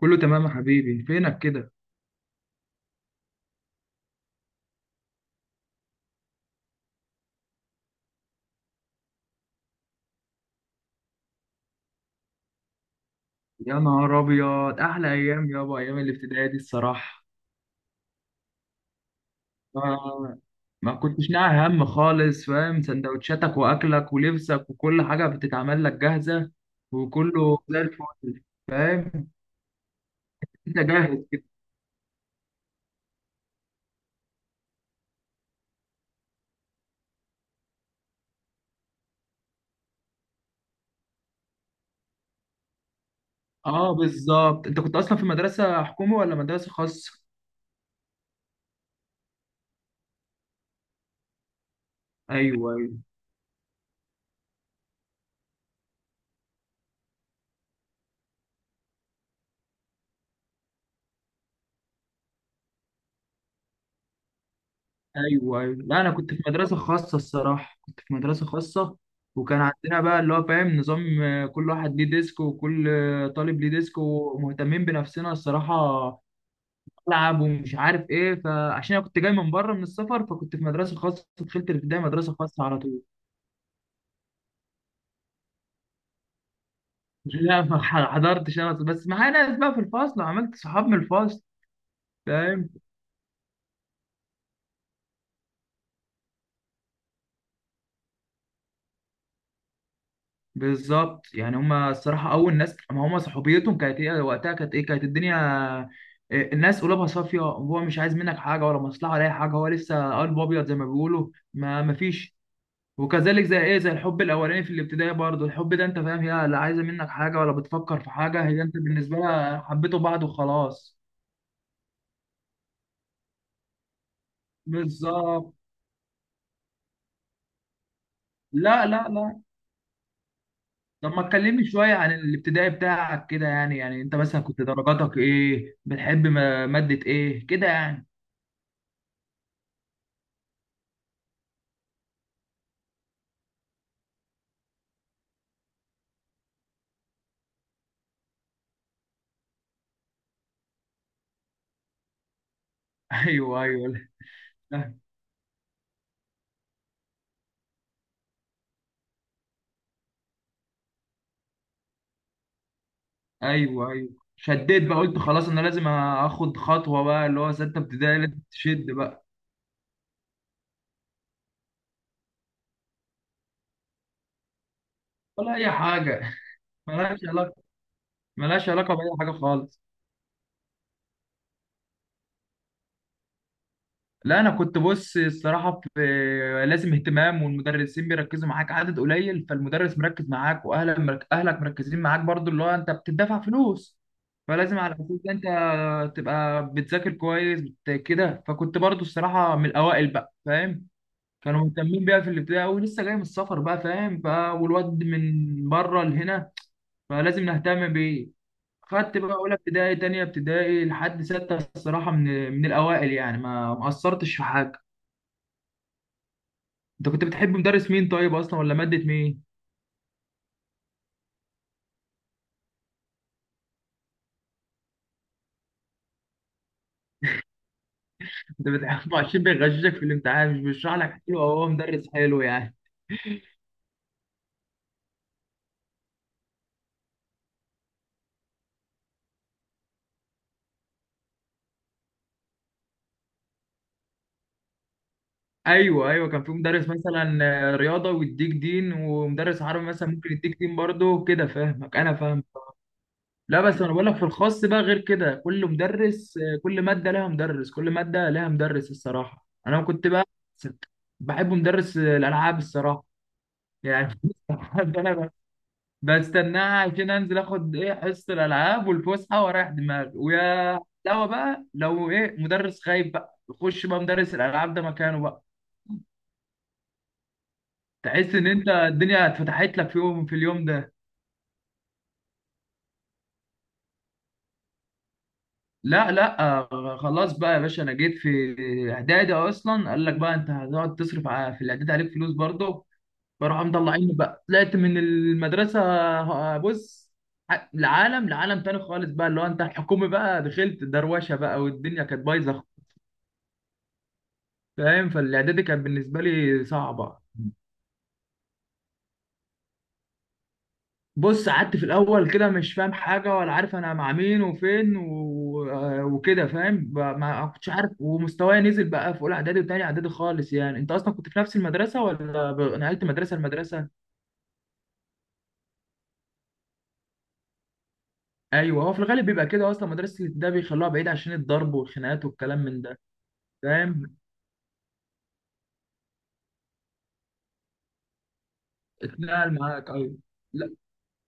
كله تمام يا حبيبي فينك كده. يا نهار ابيض، احلى ايام يابا ايام الابتدائي دي الصراحه. ما, ما كنتش ناقع هم خالص، فاهم؟ سندوتشاتك واكلك ولبسك وكل حاجه بتتعمل لك جاهزه، وكله زي الفل، فاهم؟ انت جاهز كده. اه بالظبط، انت كنت اصلا في مدرسه حكومي ولا مدرسه خاصه؟ ايوه ايوه ايوه، لا انا كنت في مدرسه خاصه الصراحه، كنت في مدرسه خاصه. وكان عندنا بقى اللي هو فاهم نظام، كل واحد ليه ديسك، وكل طالب ليه ديسك، ومهتمين بنفسنا الصراحه. العب ومش عارف ايه، فعشان انا كنت جاي من بره من السفر، فكنت في مدرسه خاصه، دخلت الابتدائي مدرسه خاصه على طول. لا ما حضرتش، انا بس معايا ناس بقى في الفصل وعملت صحاب من الفصل. بالظبط، يعني هما الصراحة أول ناس، ما هما صحوبيتهم كانت إيه وقتها، كانت إيه، كانت الدنيا إيه، الناس قلوبها صافية، وهو مش عايز منك حاجة ولا مصلحة ولا أي حاجة، هو لسه قلب أبيض زي ما بيقولوا، ما مفيش. وكذلك زي إيه، زي الحب الأولاني في الابتدائي برضه، الحب ده أنت فاهم، هي لا عايزة منك حاجة ولا بتفكر في حاجة، هي أنت بالنسبة لها حبيتوا بعض وخلاص. بالظبط، لا لا لا. طب ما تكلمني شوية عن الابتدائي بتاعك كده يعني، يعني أنت مثلا كنت درجاتك إيه، بتحب مادة إيه كده يعني؟ ايوه ايوه، لا، ايوه ايوه. شديت بقى، قلت خلاص انا لازم اخد خطوه بقى، اللي هو سته ابتدائي لازم تشد بقى. ولا اي حاجه. ملهاش علاقه، ملهاش علاقه باي حاجه خالص. لا انا كنت بص الصراحه في، لازم اهتمام، والمدرسين بيركزوا معاك عدد قليل، فالمدرس مركز معاك، اهلك مركزين معاك برضو، اللي هو انت بتدفع فلوس، فلازم على اساس ده انت تبقى بتذاكر كويس، كده. فكنت برضو الصراحه من الاوائل بقى، فاهم؟ كانوا مهتمين بيها في الابتدائي قوي، لسه جاي من السفر بقى، فاهم؟ ف والواد من بره لهنا، فلازم نهتم بيه. خدت بقى اولى ابتدائي تانية ابتدائي لحد ستة الصراحة، من من الاوائل يعني، ما ما قصرتش في حاجة. انت كنت بتحب مدرس مين طيب اصلا، ولا مادة مين؟ انت بتحبه عشان بيغششك في الامتحان، مش بيشرح لك حلو، أو هو مدرس حلو يعني؟ ايوه ايوه، كان في مدرس مثلا رياضة ويديك دين، ومدرس عربي مثلا ممكن يديك دين برضه كده، فاهمك، انا فاهم. لا بس انا بقول لك في الخاص بقى غير كده، كل مدرس، كل ماده لها مدرس، كل ماده لها مدرس الصراحه. انا كنت بقى بحب مدرس الالعاب الصراحه يعني. ده انا بستناها عشان انزل اخد ايه، حصه الالعاب والفسحه واريح دماغي، ويا لو بقى لو ايه مدرس خايف بقى، يخش بقى مدرس الالعاب ده مكانه بقى. تحس ان انت الدنيا اتفتحت لك في يوم، في اليوم ده. لا لا، خلاص بقى يا باشا، انا جيت في اعدادي اصلا، قال لك بقى انت هتقعد تصرف، في الاعدادي عليك فلوس برضه، فراحوا مطلعيني بقى، طلعت من المدرسه. بص، لعالم، لعالم تاني خالص بقى، اللي هو انت الحكومي بقى دخلت دروشه بقى، والدنيا كانت بايظه، فاهم؟ فالاعدادي كانت بالنسبه لي صعبه. بص قعدت في الاول كده مش فاهم حاجه ولا عارف انا مع مين وفين و... آه، وكده، فاهم؟ ما كنتش عارف، ومستواي نزل بقى في اولى اعدادي وتاني اعدادي خالص، يعني. انت اصلا كنت في نفس المدرسه، ولا نقلت مدرسه لمدرسه؟ ايوه، هو في الغالب بيبقى كده اصلا، مدرسه ده بيخلوها بعيد عشان الضرب والخناقات والكلام من ده، فاهم؟ اتنقل معاك، ايوه. لا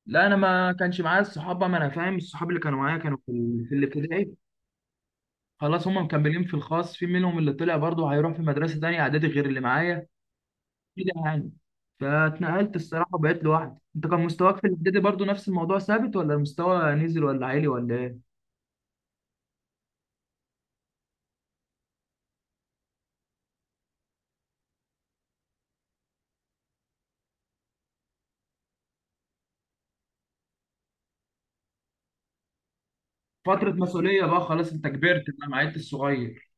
لا، انا ما كانش معايا الصحاب بقى، ما انا فاهم، الصحاب اللي كانوا معايا كانوا في في الابتدائي. خلاص هم مكملين في الخاص، في منهم اللي طلع برضه هيروح في مدرسه تانيه اعدادي غير اللي معايا، كده يعني. فاتنقلت الصراحة وبقيت لوحدي. انت كان مستواك في الإعدادي برضو نفس الموضوع ثابت، ولا المستوى نزل ولا عالي ولا ايه؟ فترة مسؤولية بقى، خلاص انت كبرت بقى ما عدتش صغير.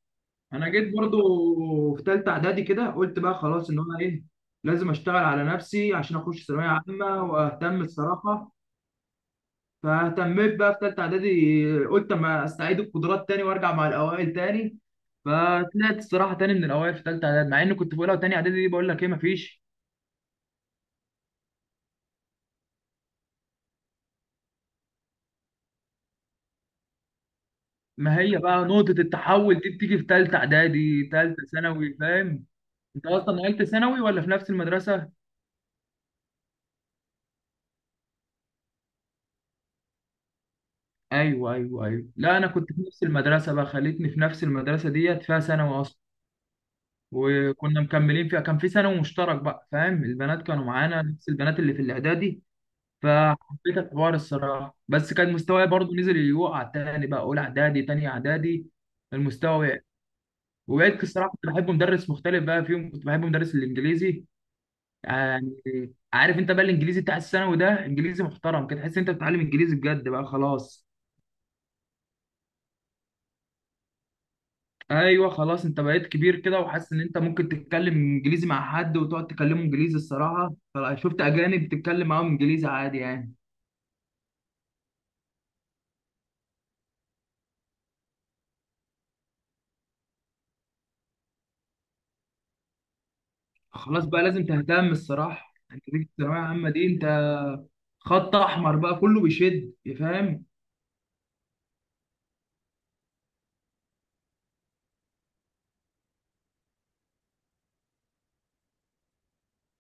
انا جيت برضو في تالتة اعدادي كده، قلت بقى خلاص ان انا ايه، لازم اشتغل على نفسي عشان اخش ثانوية عامة، واهتم الصراحة. فاهتميت بقى في تالتة اعدادي، قلت اما استعيد القدرات تاني وارجع مع الاوائل تاني. فطلعت الصراحة تاني من الاوائل في تالتة اعدادي، مع اني كنت في اولى وتانية اعدادي دي بقول لك ايه، مفيش. ما هي بقى نقطة التحول دي بتيجي في تالتة إعدادي، تالتة ثانوي، فاهم؟ أنت أصلا نقلت ثانوي ولا في نفس المدرسة؟ أيوه أيوه أيوه، لا أنا كنت في نفس المدرسة بقى، خليتني في نفس المدرسة ديت فيها ثانوي أصلا، وكنا مكملين فيها. كان في ثانوي مشترك بقى، فاهم؟ البنات كانوا معانا، نفس البنات اللي في الإعدادي. فحبيت الحوار الصراحة، بس كان مستواي برضو نزل، يوقع تاني بقى أولى إعدادي تانية إعدادي، المستوى وقع. وبقيت الصراحة كنت بحب مدرس مختلف بقى فيهم، كنت بحب مدرس الإنجليزي يعني. عارف انت بقى الانجليزي بتاع الثانوي ده انجليزي محترم كده، تحس انت بتتعلم انجليزي بجد بقى، خلاص. ايوه خلاص، انت بقيت كبير كده، وحاسس ان انت ممكن تتكلم انجليزي مع حد وتقعد تكلمه انجليزي الصراحه، فشفت اجانب بتتكلم معاهم انجليزي عادي يعني. خلاص بقى لازم تهتم الصراحه، انت دي الثانويه العامه دي انت، خط احمر بقى، كله بيشد، فاهم؟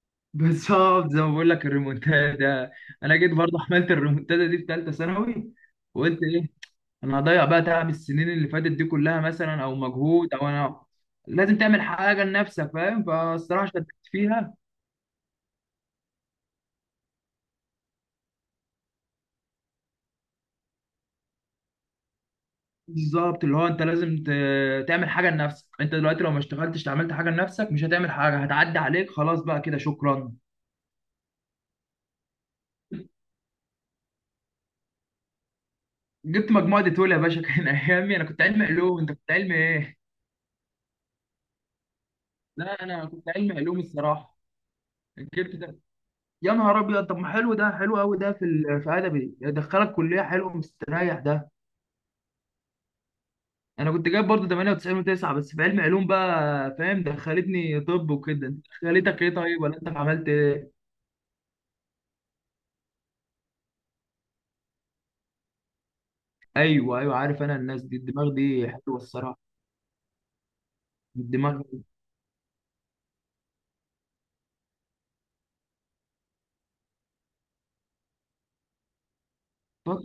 بالظبط زي ما بقول لك، الريمونتادا. انا جيت برضه عملت الريمونتادا دي في ثالثه ثانوي، وقلت ايه، انا هضيع بقى تعب السنين اللي فاتت دي كلها مثلا، او مجهود، او انا لازم تعمل حاجه لنفسك، فاهم؟ فالصراحه شدت فيها. بالظبط، اللي هو انت لازم تعمل حاجه لنفسك، انت دلوقتي لو ما اشتغلتش عملت حاجه لنفسك، مش هتعمل حاجه، هتعدي عليك خلاص بقى كده، شكرا. جبت مجموعه ديتول يا باشا. كان ايامي انا كنت علم علوم، انت كنت علم ايه؟ لا انا كنت علم علوم الصراحه. جبت ده، يا نهار ابيض، طب ما حلو ده، حلو قوي ده في في ادبي، يدخلك كليه حلوه مستريح ده. انا كنت جايب برضه 98 و9 بس في علم علوم بقى، فاهم؟ دخلتني طب وكده، انت دخلتك ايه طيب، ولا انت عملت ايه؟ ايوه ايوه، عارف انا الناس دي الدماغ دي حلوه الصراحه، الدماغ. فترة،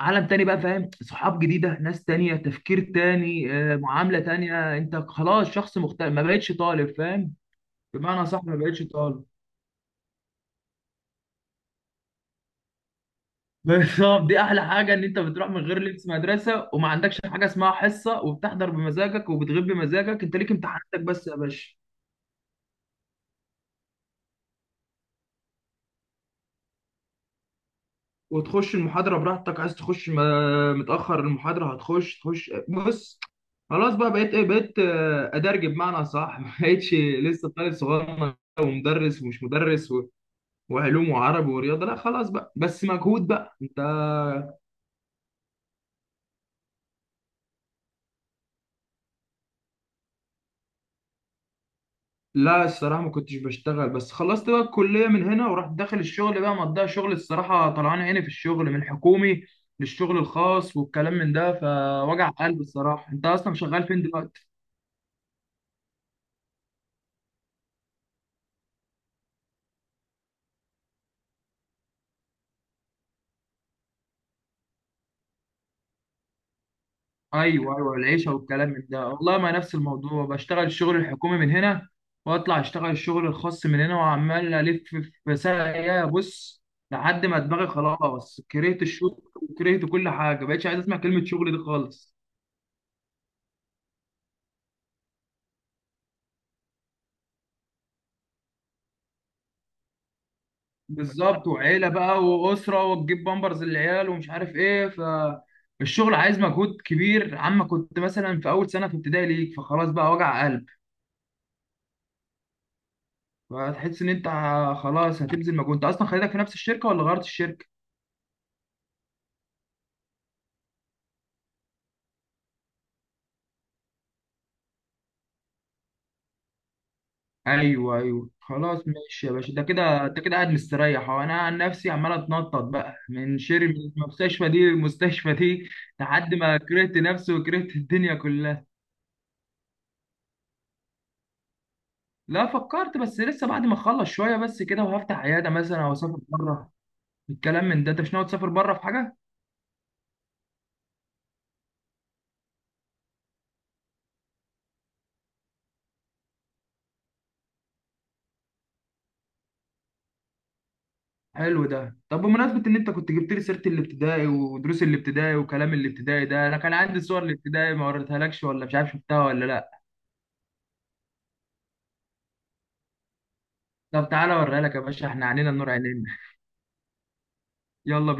عالم تاني بقى، فاهم؟ صحاب جديده، ناس تانية، تفكير تاني، معامله تانية، انت خلاص شخص مختلف، ما بقتش طالب، فاهم؟ بمعنى صح ما بقتش طالب. بالظبط، دي احلى حاجه ان انت بتروح من غير لبس مدرسه، وما عندكش حاجه اسمها حصه، وبتحضر بمزاجك وبتغيب بمزاجك، انت ليك امتحاناتك بس يا باشا. وتخش المحاضرة براحتك، عايز تخش متأخر المحاضرة هتخش، تخش بص. خلاص بقى بقيت ايه، بقيت أدرج بمعنى صح. ما بقتش لسه طالب صغير ومدرس ومش مدرس وعلوم وعربي ورياضة، لا خلاص بقى، بس مجهود بقى انت. لا الصراحة ما كنتش بشتغل، بس خلصت بقى الكلية من هنا ورحت داخل الشغل بقى، مضيع شغل الصراحة، طلعان عيني في الشغل من الحكومي للشغل الخاص والكلام من ده، فوجع قلب الصراحة. انت اصلا شغال فين دلوقتي؟ ايوه ايوه، العيشه والكلام من ده، والله ما نفس الموضوع، بشتغل الشغل الحكومي من هنا، واطلع اشتغل الشغل الخاص من هنا، وعمال الف في ساقية بص، لحد ما دماغي خلاص كرهت الشغل، وكرهت كل حاجه، بقيتش عايز اسمع كلمه شغل دي خالص. بالظبط، وعيله بقى واسره، وتجيب بامبرز للعيال ومش عارف ايه، فالشغل عايز مجهود كبير عما كنت مثلا في اول سنه في ابتدائي ليك، فخلاص بقى وجع قلب. فتحس ان انت خلاص هتبذل مجهود. انت اصلا خليتك في نفس الشركه ولا غيرت الشركه؟ ايوه ايوه خلاص ماشي يا باشا، ده كده انت كده قاعد مستريح اهو، انا عن نفسي عمال اتنطط بقى من شير، من المستشفى دي للمستشفى دي، لحد ما كرهت نفسي وكرهت الدنيا كلها. لا فكرت، بس لسه بعد ما اخلص شويه بس كده، وهفتح عياده مثلا او اسافر بره. الكلام من ده، انت مش ناوي تسافر بره في حاجه؟ حلو ده. طب بمناسبه ان انت كنت جبت لي سيره الابتدائي ودروس الابتدائي وكلام الابتدائي ده، انا كان عندي صور الابتدائي، ما وريتها لكش ولا مش عارف، شفتها ولا لا؟ طب تعالى اوريها لك يا باشا، احنا عنينا النور، عينينا. يلا.